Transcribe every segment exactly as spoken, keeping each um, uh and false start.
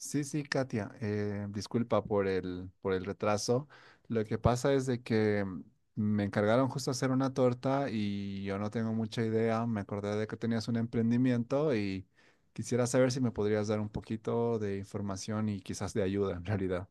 Sí, sí, Katia, eh, disculpa por el, por el retraso. Lo que pasa es de que mm, me encargaron justo hacer una torta y yo no tengo mucha idea. Me acordé de que tenías un emprendimiento y quisiera saber si me podrías dar un poquito de información y quizás de ayuda en realidad.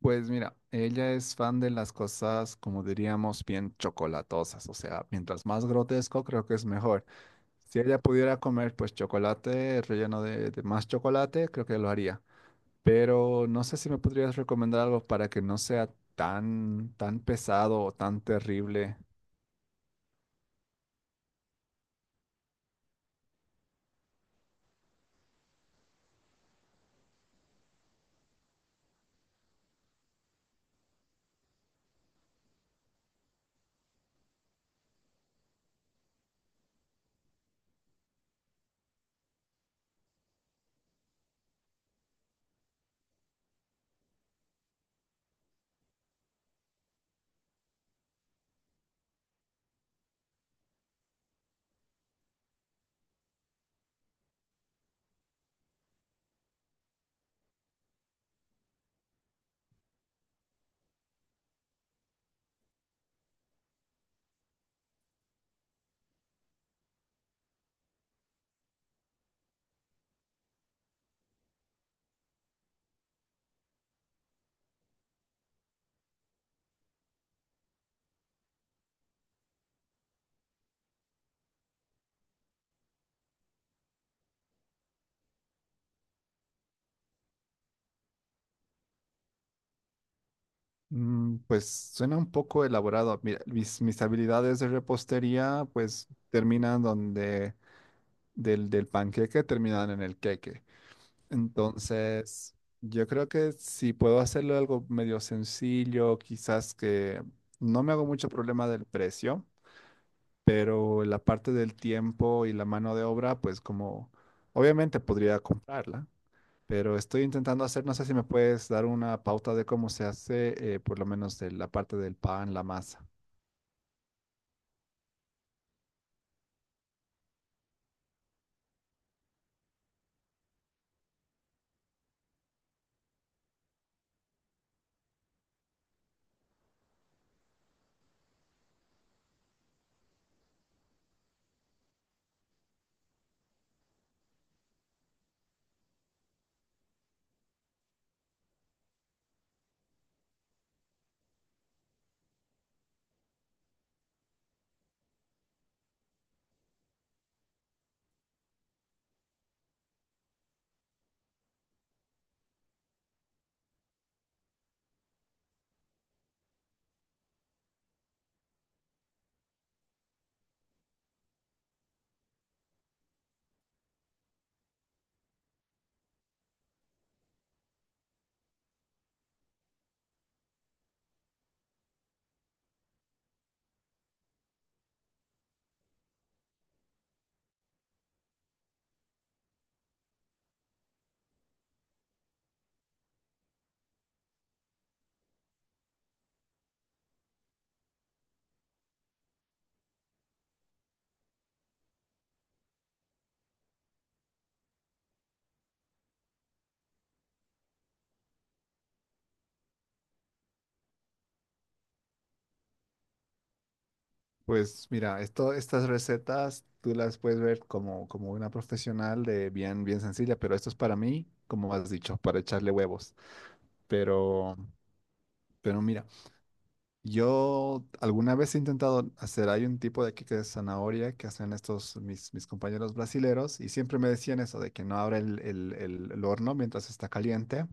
Pues mira, ella es fan de las cosas, como diríamos, bien chocolatosas. O sea, mientras más grotesco, creo que es mejor. Si ella pudiera comer, pues chocolate relleno de de más chocolate, creo que lo haría. Pero no sé si me podrías recomendar algo para que no sea tan, tan pesado o tan terrible. Mm, pues suena un poco elaborado. Mira, mis, mis habilidades de repostería pues terminan donde del, del panqueque terminan en el queque. Entonces, yo creo que si puedo hacerlo algo medio sencillo, quizás que no me hago mucho problema del precio. Pero la parte del tiempo y la mano de obra, pues como obviamente podría comprarla, pero estoy intentando hacer, no sé si me puedes dar una pauta de cómo se hace, eh, por lo menos de la parte del pan, la masa. Pues mira, esto, estas recetas tú las puedes ver como, como una profesional de bien, bien sencilla, pero esto es para mí, como has dicho, para echarle huevos. Pero, pero mira. Yo alguna vez he intentado hacer, hay un tipo de queque de zanahoria que hacen estos mis, mis compañeros brasileros y siempre me decían eso de que no abra el, el- el- el horno mientras está caliente.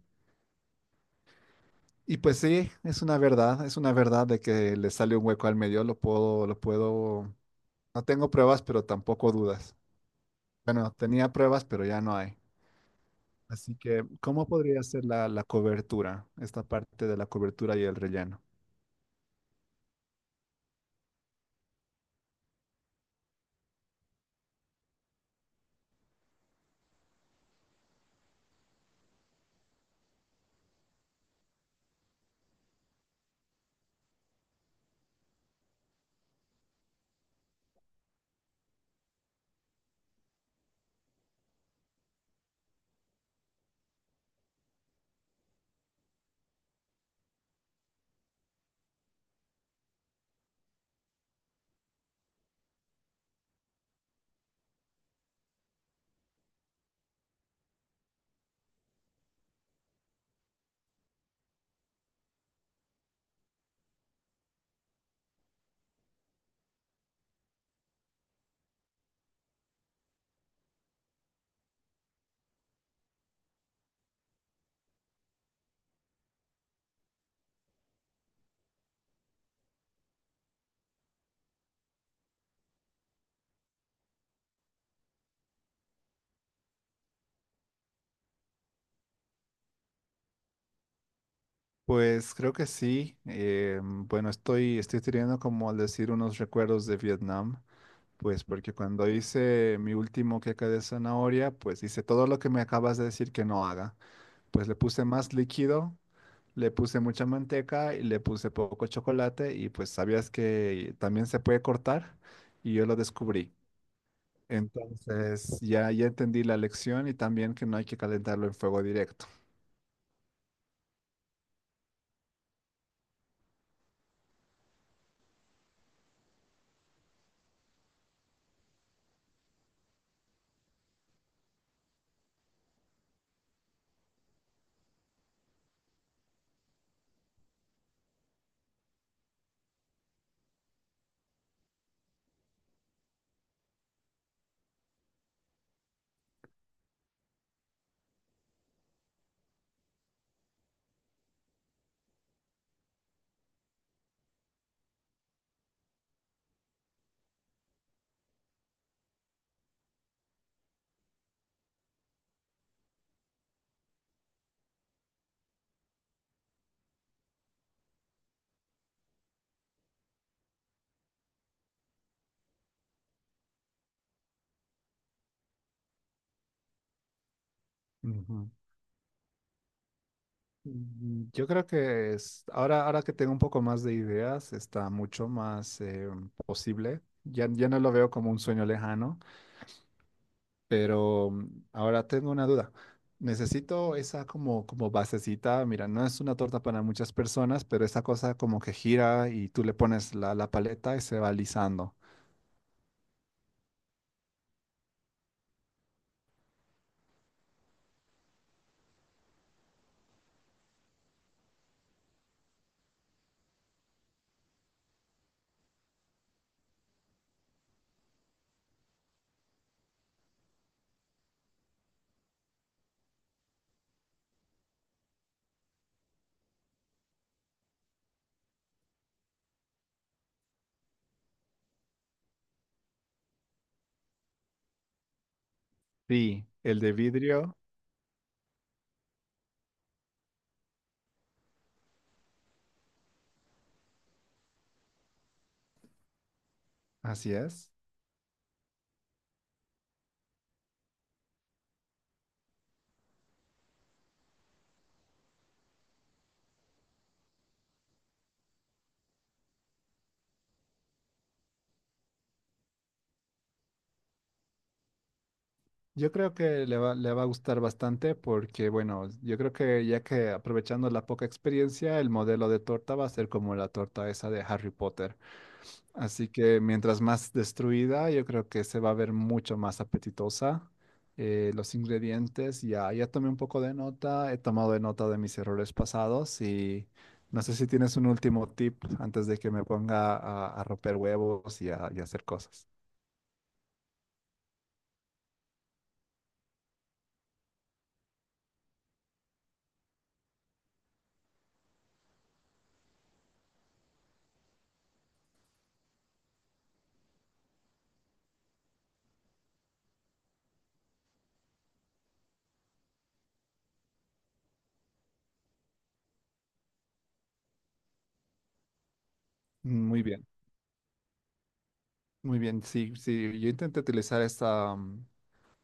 Y pues sí, es una verdad, es una verdad de que le sale un hueco al medio, lo puedo, lo puedo, no tengo pruebas, pero tampoco dudas. Bueno, tenía pruebas, pero ya no hay. Así que, ¿cómo podría ser la, la cobertura, esta parte de la cobertura y el relleno? Pues creo que sí. eh, bueno, estoy, estoy teniendo como al decir unos recuerdos de Vietnam, pues porque cuando hice mi último queque de zanahoria, pues hice todo lo que me acabas de decir que no haga. Pues le puse más líquido, le puse mucha manteca y le puse poco chocolate y pues sabías que también se puede cortar y yo lo descubrí. Entonces ya, ya entendí la lección y también que no hay que calentarlo en fuego directo. Mm, yo creo que es, ahora, ahora que tengo un poco más de ideas, está mucho más eh, posible. Ya, ya no lo veo como un sueño lejano, pero mm, ahora tengo una duda. Necesito esa como, como basecita. Mira, no es una torta para muchas personas, pero esa cosa como que gira y tú le pones la, la paleta y se va alisando. Sí, el de vidrio, así es. Yo creo que le va, le va a gustar bastante porque, bueno, yo creo que ya que aprovechando la poca experiencia, el modelo de torta va a ser como la torta esa de Harry Potter. Así que mientras más destruida, yo creo que se va a ver mucho más apetitosa. Eh, los ingredientes, ya, ya tomé un poco de nota, he tomado de nota de mis errores pasados y no sé si tienes un último tip antes de que me ponga a, a romper huevos y a y a hacer cosas. Muy bien. Muy bien, sí, sí, yo intenté utilizar esta, mm,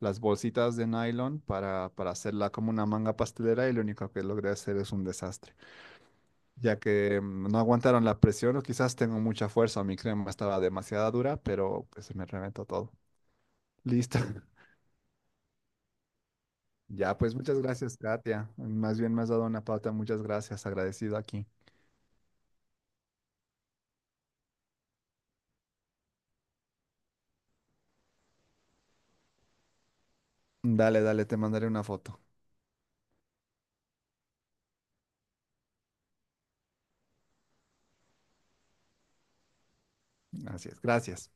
las bolsitas de nylon para, para hacerla como una manga pastelera y lo único que logré hacer es un desastre, ya que mm, no aguantaron la presión o quizás tengo mucha fuerza, mi crema estaba demasiada dura, pero pues se me reventó todo. Listo. Ya, pues muchas gracias, Katia. Más bien me has dado una pauta, muchas gracias, agradecido aquí. Dale, dale, te mandaré una foto. Así es, gracias.